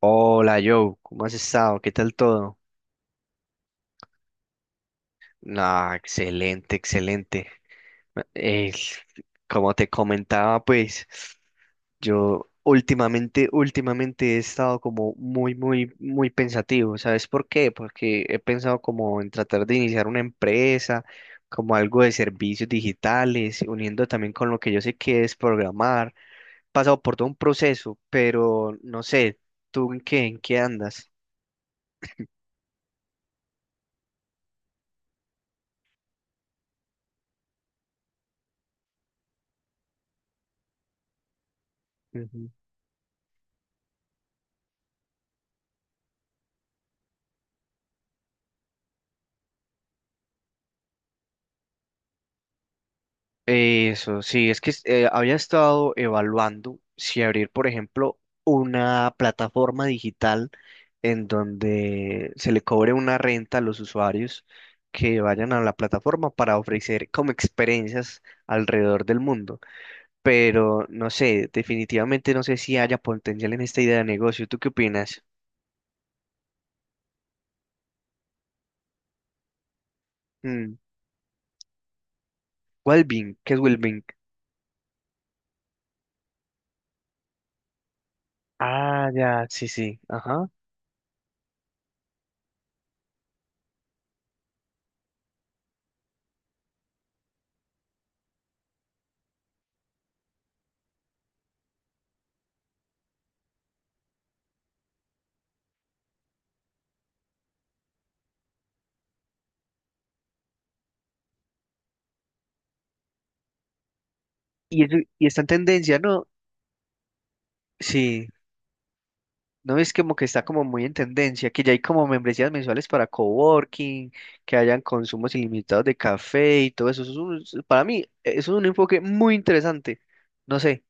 Hola Joe, ¿cómo has estado? ¿Qué tal todo? Ah, excelente, excelente. Eh, Como te comentaba, pues yo últimamente he estado como muy, muy, muy pensativo. ¿Sabes por qué? Porque he pensado como en tratar de iniciar una empresa, como algo de servicios digitales, uniendo también con lo que yo sé que es programar. He pasado por todo un proceso, pero no sé, ¿tú en qué andas? Eso, sí, es que había estado evaluando si abrir, por ejemplo, una plataforma digital en donde se le cobre una renta a los usuarios que vayan a la plataforma para ofrecer como experiencias alrededor del mundo. Pero no sé, definitivamente no sé si haya potencial en esta idea de negocio. ¿Tú qué opinas? Mm, Wellbeing, ¿qué es Wellbeing? Ah, ya, sí, sí, ajá. Y, y ¿está en tendencia, ¿no? Sí. No es como que está como muy en tendencia, que ya hay como membresías mensuales para coworking, que hayan consumos ilimitados de café y todo eso. Para mí, eso es un enfoque muy interesante. No sé.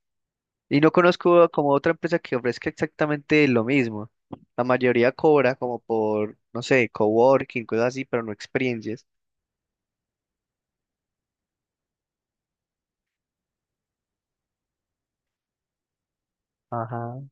Y no conozco como otra empresa que ofrezca exactamente lo mismo. La mayoría cobra como por, no sé, coworking, cosas así, pero no experiencias. Ajá.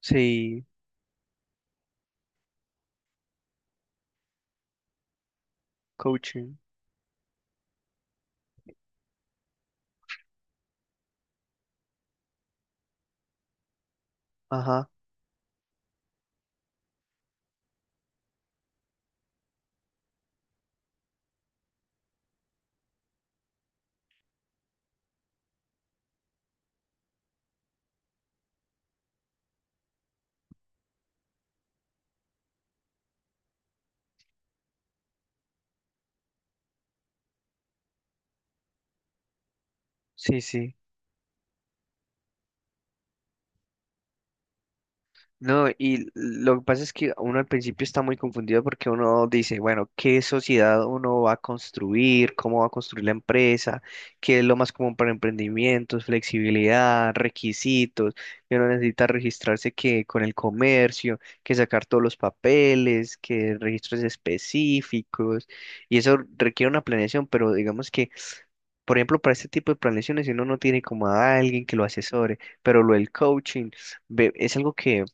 Sí, coaching. Ajá. Sí, sí. No, y lo que pasa es que uno al principio está muy confundido porque uno dice, bueno, ¿qué sociedad uno va a construir? ¿Cómo va a construir la empresa? ¿Qué es lo más común para emprendimientos? Flexibilidad, requisitos, que uno necesita registrarse que con el comercio, que sacar todos los papeles, que registros específicos, y eso requiere una planeación, pero digamos que por ejemplo, para este tipo de planeaciones, si uno no tiene como a alguien que lo asesore, pero lo del coaching es algo que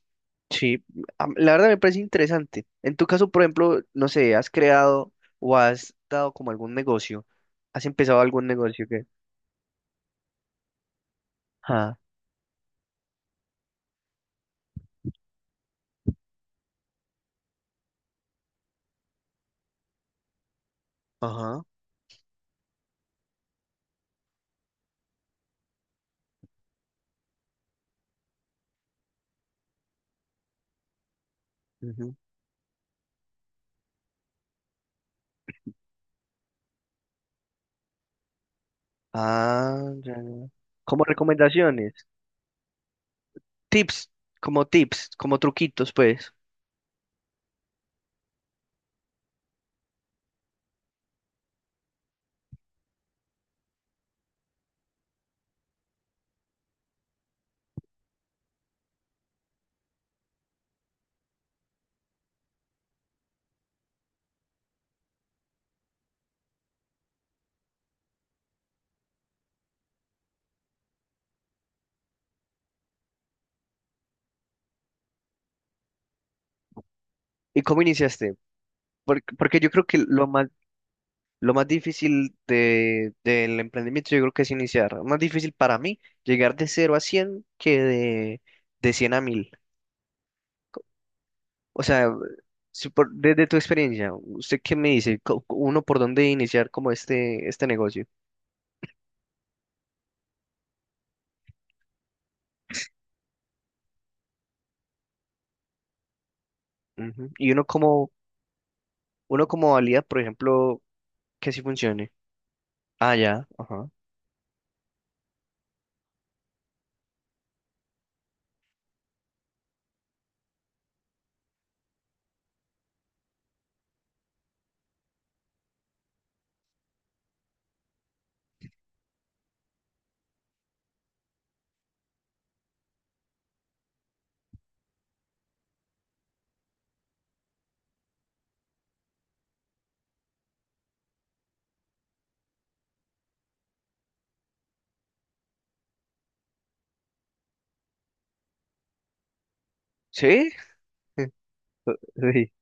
sí, la verdad me parece interesante. En tu caso, por ejemplo, no sé, ¿has creado o has dado como algún negocio? ¿Has empezado algún negocio que... Ah, ajá. Ujú. Ah, ya, ya. Como recomendaciones, tips, tips, como truquitos, pues. ¿Y cómo iniciaste? Porque, porque yo creo que lo más difícil de, del emprendimiento, yo creo que es iniciar. Más difícil para mí llegar de cero a 100 que de 100 a 1000. O sea, si por- desde tu experiencia, ¿usted qué me dice? ¿Uno por dónde iniciar como este negocio? Ujú. Y uno como valida, por ejemplo, que sí funcione. Ah, ya, ajá. ¿Sí? Sí.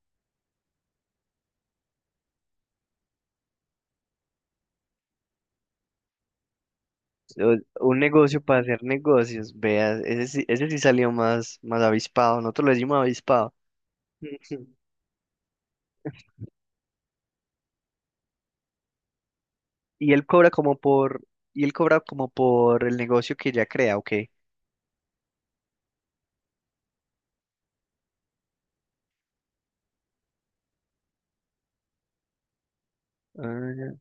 O- Un negocio para hacer negocios, veas, ese sí salió más, más avispado, nosotros lo decimos avispado. Ujú. Y él cobra como por, y él cobra como por el negocio que ya crea, ok. Ah,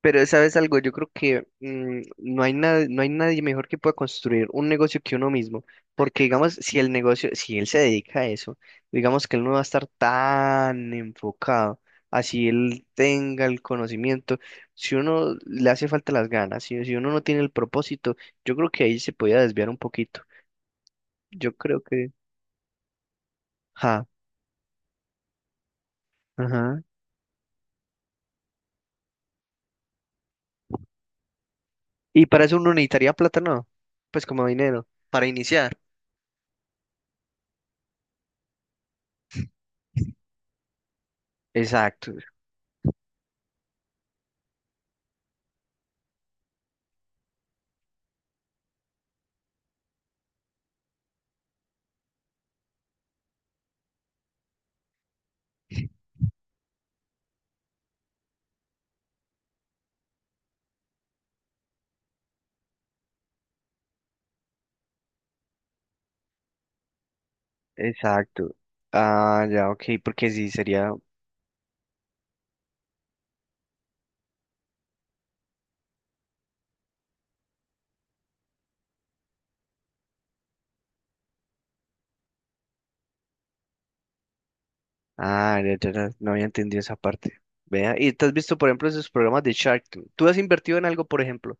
pero sabes algo, yo creo que no hay nada, no hay nadie mejor que pueda construir un negocio que uno mismo, porque digamos, si el negocio, si él se dedica a eso, digamos que él no va a estar tan enfocado, así él tenga el conocimiento, si uno le hace falta las ganas, si uno no tiene el propósito, yo creo que ahí se podía desviar un poquito. Yo creo que, ja, ajá. Y para eso uno necesitaría plata, ¿no? Pues como dinero, para iniciar. Exacto. Exacto. Ah, ya, ok, porque sí sería. Ah, ya, ya, ya, no había entendido esa parte. Vea, y te has visto, por ejemplo, esos programas de Shark Tank. ¿Tú has invertido en algo, por ejemplo,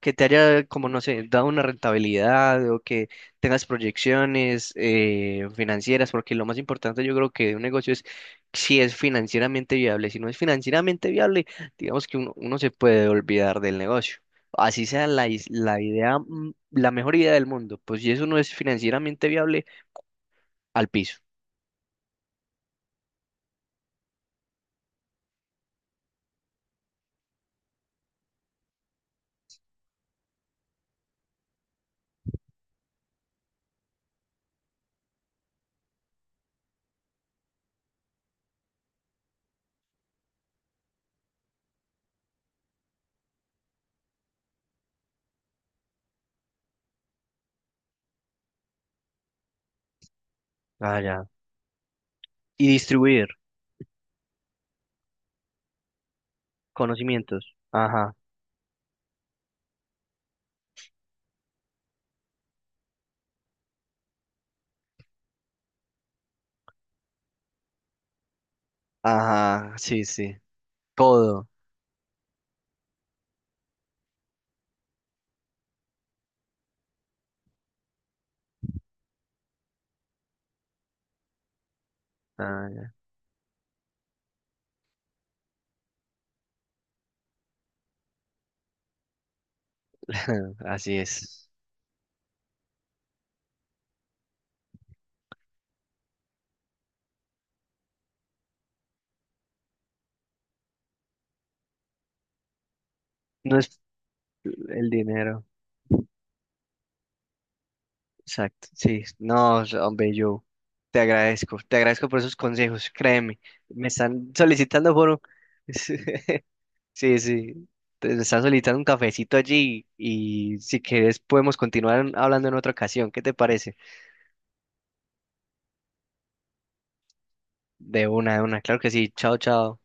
que te haya, como no sé, dado una rentabilidad o que tengas proyecciones financieras? Porque lo más importante, yo creo que de un negocio es si es financieramente viable. Si no es financieramente viable, digamos que uno se puede olvidar del negocio. Así sea la idea, la mejor idea del mundo. Pues si eso no es financieramente viable al piso. Ah, ya. Y distribuir conocimientos. Ajá. Ajá, sí, sí, todo. Ah, ya. Así es. No es el dinero, exacto, sí, no, hombre, yo te agradezco por esos consejos, créeme, me están solicitando por un... Sí, sí, me están solicitando un cafecito allí y si quieres podemos continuar hablando en otra ocasión, ¿qué te parece? De una, claro que sí, chao, chao.